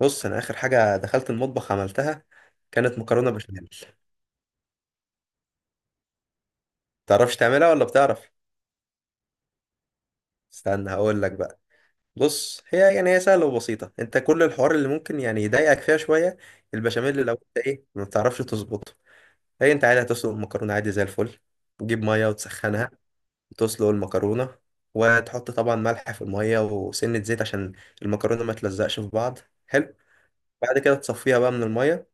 بص انا اخر حاجه دخلت المطبخ عملتها كانت مكرونه بشاميل. تعرفش تعملها ولا بتعرف؟ استنى هقول لك بقى. بص هي يعني هي سهله وبسيطه، انت كل الحوار اللي ممكن يعني يضايقك فيها شويه البشاميل، لو انت ايه ما بتعرفش تظبطه. هي انت عادي هتسلق المكرونه عادي زي الفل، تجيب ميه وتسخنها وتسلق المكرونه، وتحط طبعا ملح في الميه وسنه زيت عشان المكرونه ما تلزقش في بعض. حلو. بعد كده تصفيها بقى من الميه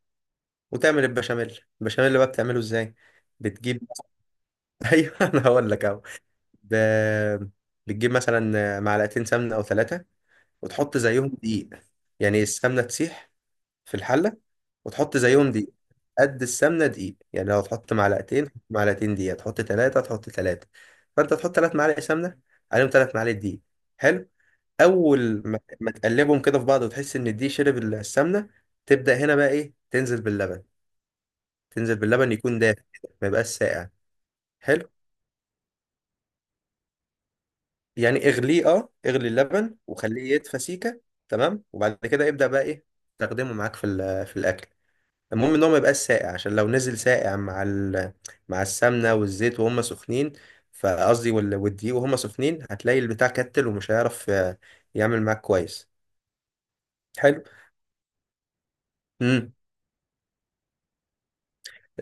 وتعمل البشاميل. البشاميل بقى بتعمله ازاي؟ بتجيب، ايوه انا هقول لك اهو. ب... بتجيب مثلا معلقتين سمنه او ثلاثه وتحط زيهم دقيق. يعني السمنه تسيح في الحله وتحط زيهم دقيق. قد السمنه دقيق، يعني لو تحط معلقتين تحط معلقتين دقيق، تحط ثلاثه تحط ثلاثه. فانت تحط ثلاث معالق سمنه عليهم ثلاث معالق دقيق. حلو. اول ما تقلبهم كده في بعض وتحس ان الدقيق شرب السمنه، تبدا هنا بقى ايه تنزل باللبن. تنزل باللبن يكون دافئ، ما يبقاش ساقع. حلو. يعني اغليه، اه اغلي اللبن وخليه يدفى سيكه. تمام، وبعد كده ابدا بقى ايه تستخدمه معاك في الاكل. المهم ان هو ما يبقاش ساقع، عشان لو نزل ساقع مع مع السمنه والزيت وهم سخنين، فقصدي والدقيق وهم سخنين، هتلاقي البتاع كتل ومش هيعرف يعمل معاك كويس. حلو.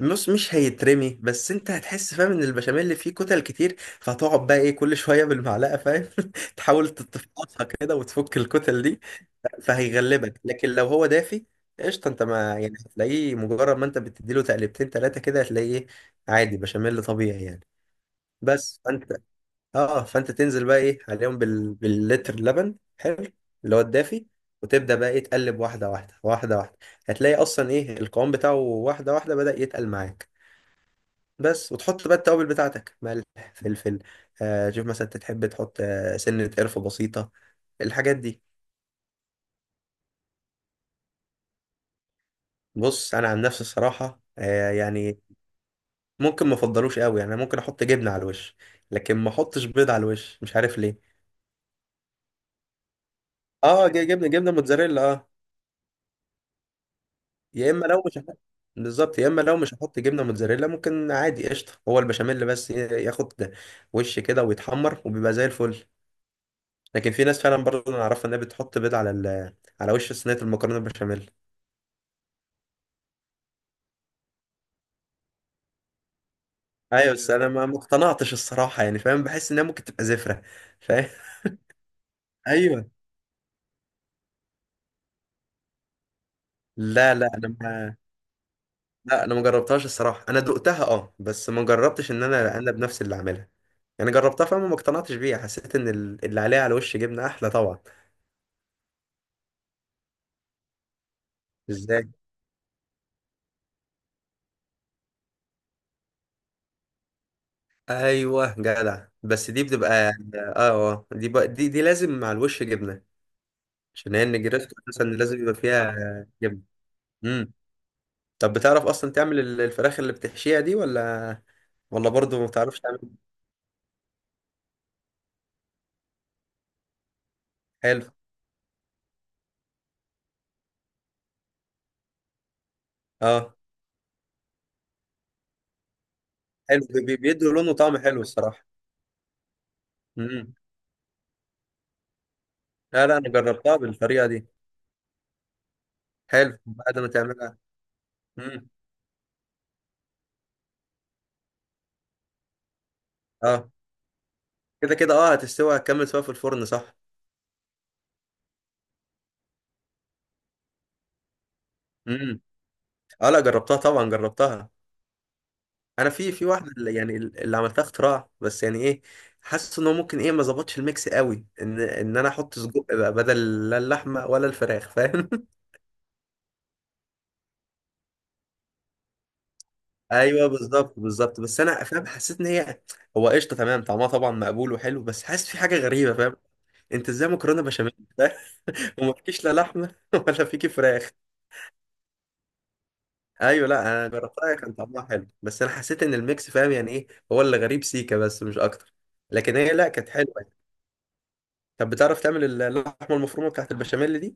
النص مش هيترمي، بس انت هتحس فاهم ان البشاميل اللي فيه كتل كتير، فهتقعد بقى ايه كل شويه بالمعلقه فاهم تحاول تتفقصها كده وتفك الكتل دي. فهيغلبك، لكن لو هو دافي قشطه، انت ما يعني هتلاقيه مجرد ما انت بتديله تقلبتين ثلاثه كده، هتلاقيه عادي بشاميل طبيعي يعني. بس فانت، اه فانت تنزل بقى ايه عليهم باللتر لبن حلو اللي هو الدافي. وتبدا بقى ايه تقلب واحده واحده واحده واحده، هتلاقي اصلا ايه القوام بتاعه واحده واحده بدأ يتقل معاك. بس، وتحط بقى التوابل بتاعتك: ملح، فلفل، آه شوف مثلا انت تحب تحط آه سنة قرفة بسيطة، الحاجات دي. بص انا عن نفسي الصراحة آه يعني ممكن ما افضلوش قوي. يعني أنا ممكن احط جبنة على الوش، لكن ما احطش بيض على الوش، مش عارف ليه. اه، جبنة، جبنة موتزاريلا اه. يا اما لو مش هحط، بالظبط، يا اما لو مش هحط جبنة موتزاريلا ممكن عادي قشطة هو البشاميل بس ياخد وش كده ويتحمر وبيبقى زي الفل. لكن في ناس فعلا برضه انا اعرفها انها بتحط بيض على على وش صينية المكرونة البشاميل. ايوه بس انا ما اقتنعتش الصراحه يعني فاهم، بحس انها ممكن تبقى زفره فاهم. ايوه. لا لا انا ما لا انا ما جربتهاش الصراحه، انا دقتها اه، بس ما جربتش ان انا بنفسي اللي اعملها. يعني جربتها فاهم وما اقتنعتش بيها، حسيت ان اللي عليها على وش جبنه احلى طبعا. ازاي؟ ايوه جدع، بس دي بتبقى اه اه، دي بقى دي لازم مع الوش جبنه، عشان هي النجريسكو اساسا لازم يبقى فيها جبنه. امم. طب بتعرف اصلا تعمل الفراخ اللي بتحشيها دي ولا ولا برضه ما بتعرفش تعمل؟ حلو. اه، حلو، بيدوا لون وطعم حلو الصراحه. امم. لا لا انا جربتها بالطريقه دي. حلو. بعد ما تعملها امم، اه كده كده اه هتستوي هتكمل سوا في الفرن، صح. امم. اه لا جربتها طبعا جربتها. انا في في واحده يعني اللي عملتها اختراع بس يعني ايه، حاسس ان هو ممكن ايه ما ظبطش الميكس قوي، ان انا احط سجق بقى بدل لا اللحمه ولا الفراخ فاهم. ايوه بالظبط بالظبط، بس انا فاهم حسيت ان هي هو قشطه تمام، طعمها طبعا مقبول وحلو، بس حاسس في حاجه غريبه فاهم. انت ازاي مكرونه بشاميل وما فيكيش لا لحمه ولا فيكي فراخ. ايوه، لا انا جربتها كان طعمها حلو، بس انا حسيت ان الميكس فاهم يعني ايه، هو اللي غريب سيكا بس مش اكتر، لكن هي لا كانت حلوه يعني. طب بتعرف تعمل اللحمه المفرومه بتاعت البشاميل دي؟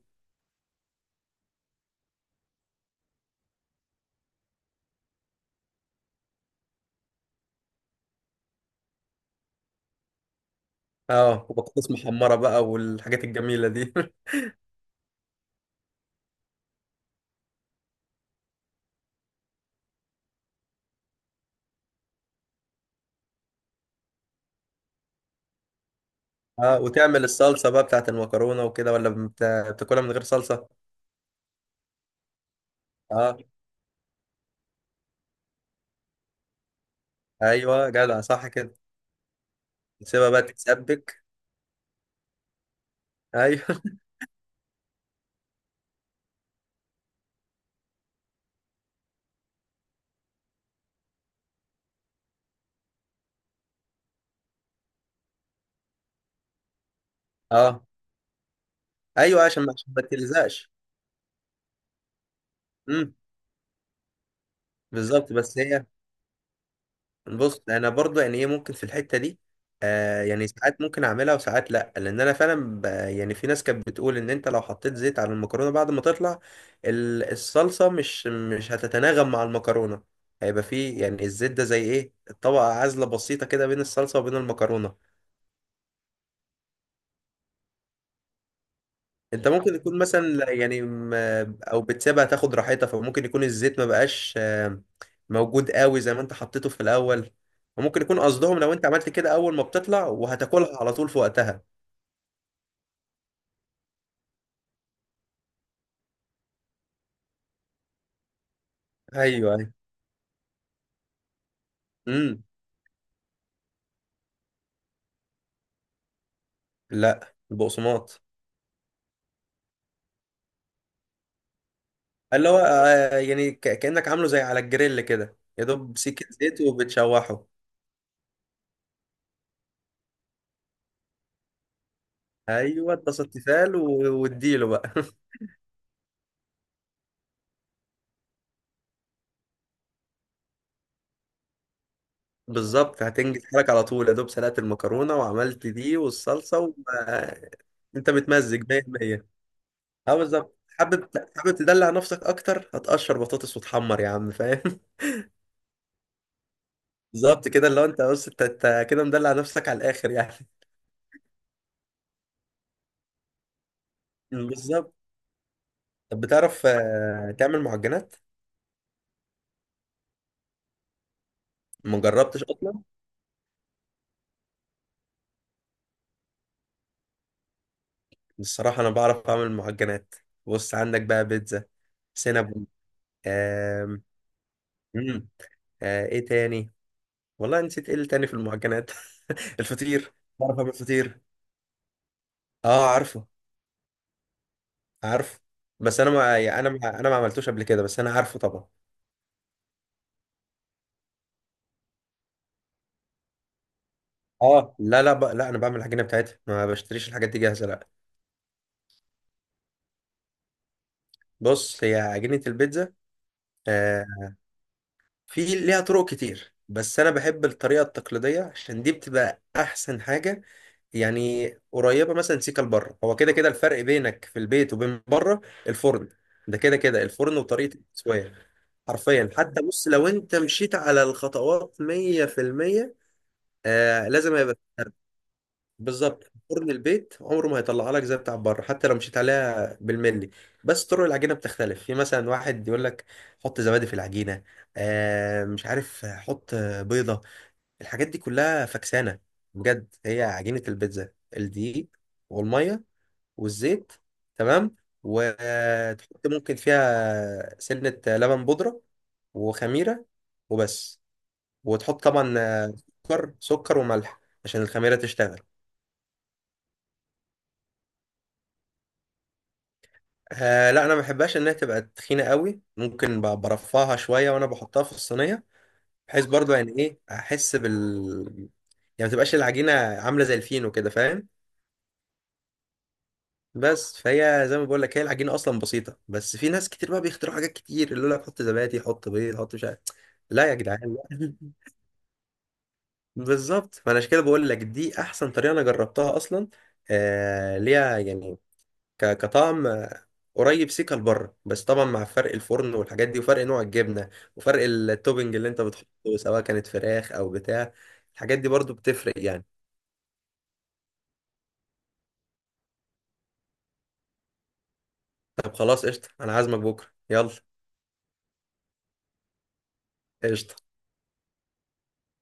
اه وبطاطس محمره بقى والحاجات الجميله دي. اه، وتعمل الصلصه بقى بتاعت المكرونه وكده ولا بتاكلها من غير صلصه؟ اه. ايوه جدع صح كده. نسيبها بقى تتسبك. ايوه. اه. ايوه عشان ما عشان ما تلزقش. امم. بالظبط. بس هي بص انا برضو يعني ايه ممكن في الحته دي آه يعني ساعات ممكن اعملها وساعات لا، لان انا فعلا يعني في ناس كانت بتقول ان انت لو حطيت زيت على المكرونه بعد ما تطلع، الصلصه مش هتتناغم مع المكرونه، هيبقى فيه يعني الزيت ده زي ايه طبقه عازله بسيطه كده بين الصلصه وبين المكرونه. انت ممكن تكون مثلا او بتسيبها تاخد راحتها، فممكن يكون الزيت ما بقاش موجود قوي زي ما انت حطيته في الاول. وممكن يكون قصدهم لو انت عملت كده اول ما بتطلع وهتاكلها على طول في وقتها. ايوه. امم. لا البقسماط. اللي هو آه، يعني كانك عامله زي على الجريل كده، يا دوب سكه زيت وبتشوحه. ايوه اتبسط تفال واديله بقى. بالظبط، هتنجز حالك على طول، يا دوب سلقت المكرونه وعملت دي والصلصه انت بتمزج. 100% اه بالظبط. حابب، حابب تدلع نفسك اكتر هتقشر بطاطس وتحمر يا عم فاهم. بالظبط كده، اللي هو انت بص انت كده مدلع نفسك على الاخر يعني. بالظبط. طب بتعرف آه، تعمل معجنات؟ ما جربتش اصلا الصراحه. انا بعرف اعمل معجنات. بص عندك بقى بيتزا، سينابون، آم، مم، آه، ايه تاني؟ والله نسيت ايه اللي تاني في المعجنات. الفطير، بعرف اعمل فطير. اه عارفه. عارف. بس انا ما يعني انا ما عملتوش قبل كده، بس انا عارفه طبعا. اه لا لا، لا انا بعمل العجينه بتاعتها ما بشتريش الحاجات دي جاهزه لا. بص هي عجينه البيتزا آه في ليها طرق كتير، بس انا بحب الطريقه التقليديه عشان دي بتبقى احسن حاجه. يعني قريبه مثلا سيكا لبره، هو كده كده الفرق بينك في البيت وبين بره الفرن، ده كده كده الفرن وطريقه التسويه. حرفيا حتى بص لو انت مشيت على الخطوات 100%، آه لازم هيبقى بالظبط، فرن البيت عمره ما هيطلع لك زي بتاع بره حتى لو مشيت عليها بالملي. بس طرق العجينه بتختلف، في مثلا واحد يقول لك حط زبادي في العجينه، آه مش عارف حط بيضه، الحاجات دي كلها فكسانه. بجد هي عجينه البيتزا: الدقيق والميه والزيت، تمام، وتحط ممكن فيها سنه لبن بودره وخميره، وبس. وتحط طبعا سكر، سكر وملح عشان الخميره تشتغل. آه لا انا ما بحبهاش انها تبقى تخينه قوي، ممكن برفعها شويه وانا بحطها في الصينيه، بحيث برضو يعني ايه احس بال يعني ما تبقاش العجينه عامله زي الفينو كده فاهم. بس فهي زي ما بقول لك هي العجينه اصلا بسيطه، بس في ناس كتير بقى بيخترعوا حاجات كتير، اللي يقول لك حط زبادي، حط بيض، حط مش عارف. لا يا جدعان، لا. بالظبط، فانا عشان كده بقول لك دي احسن طريقه انا جربتها اصلا. آه ليها يعني كطعم قريب سيكا لبره، بس طبعا مع فرق الفرن والحاجات دي، وفرق نوع الجبنه، وفرق التوبنج اللي انت بتحطه سواء كانت فراخ او بتاع، الحاجات دي برضو بتفرق يعني. طب خلاص قشطه، انا عازمك بكره يلا. قشطه.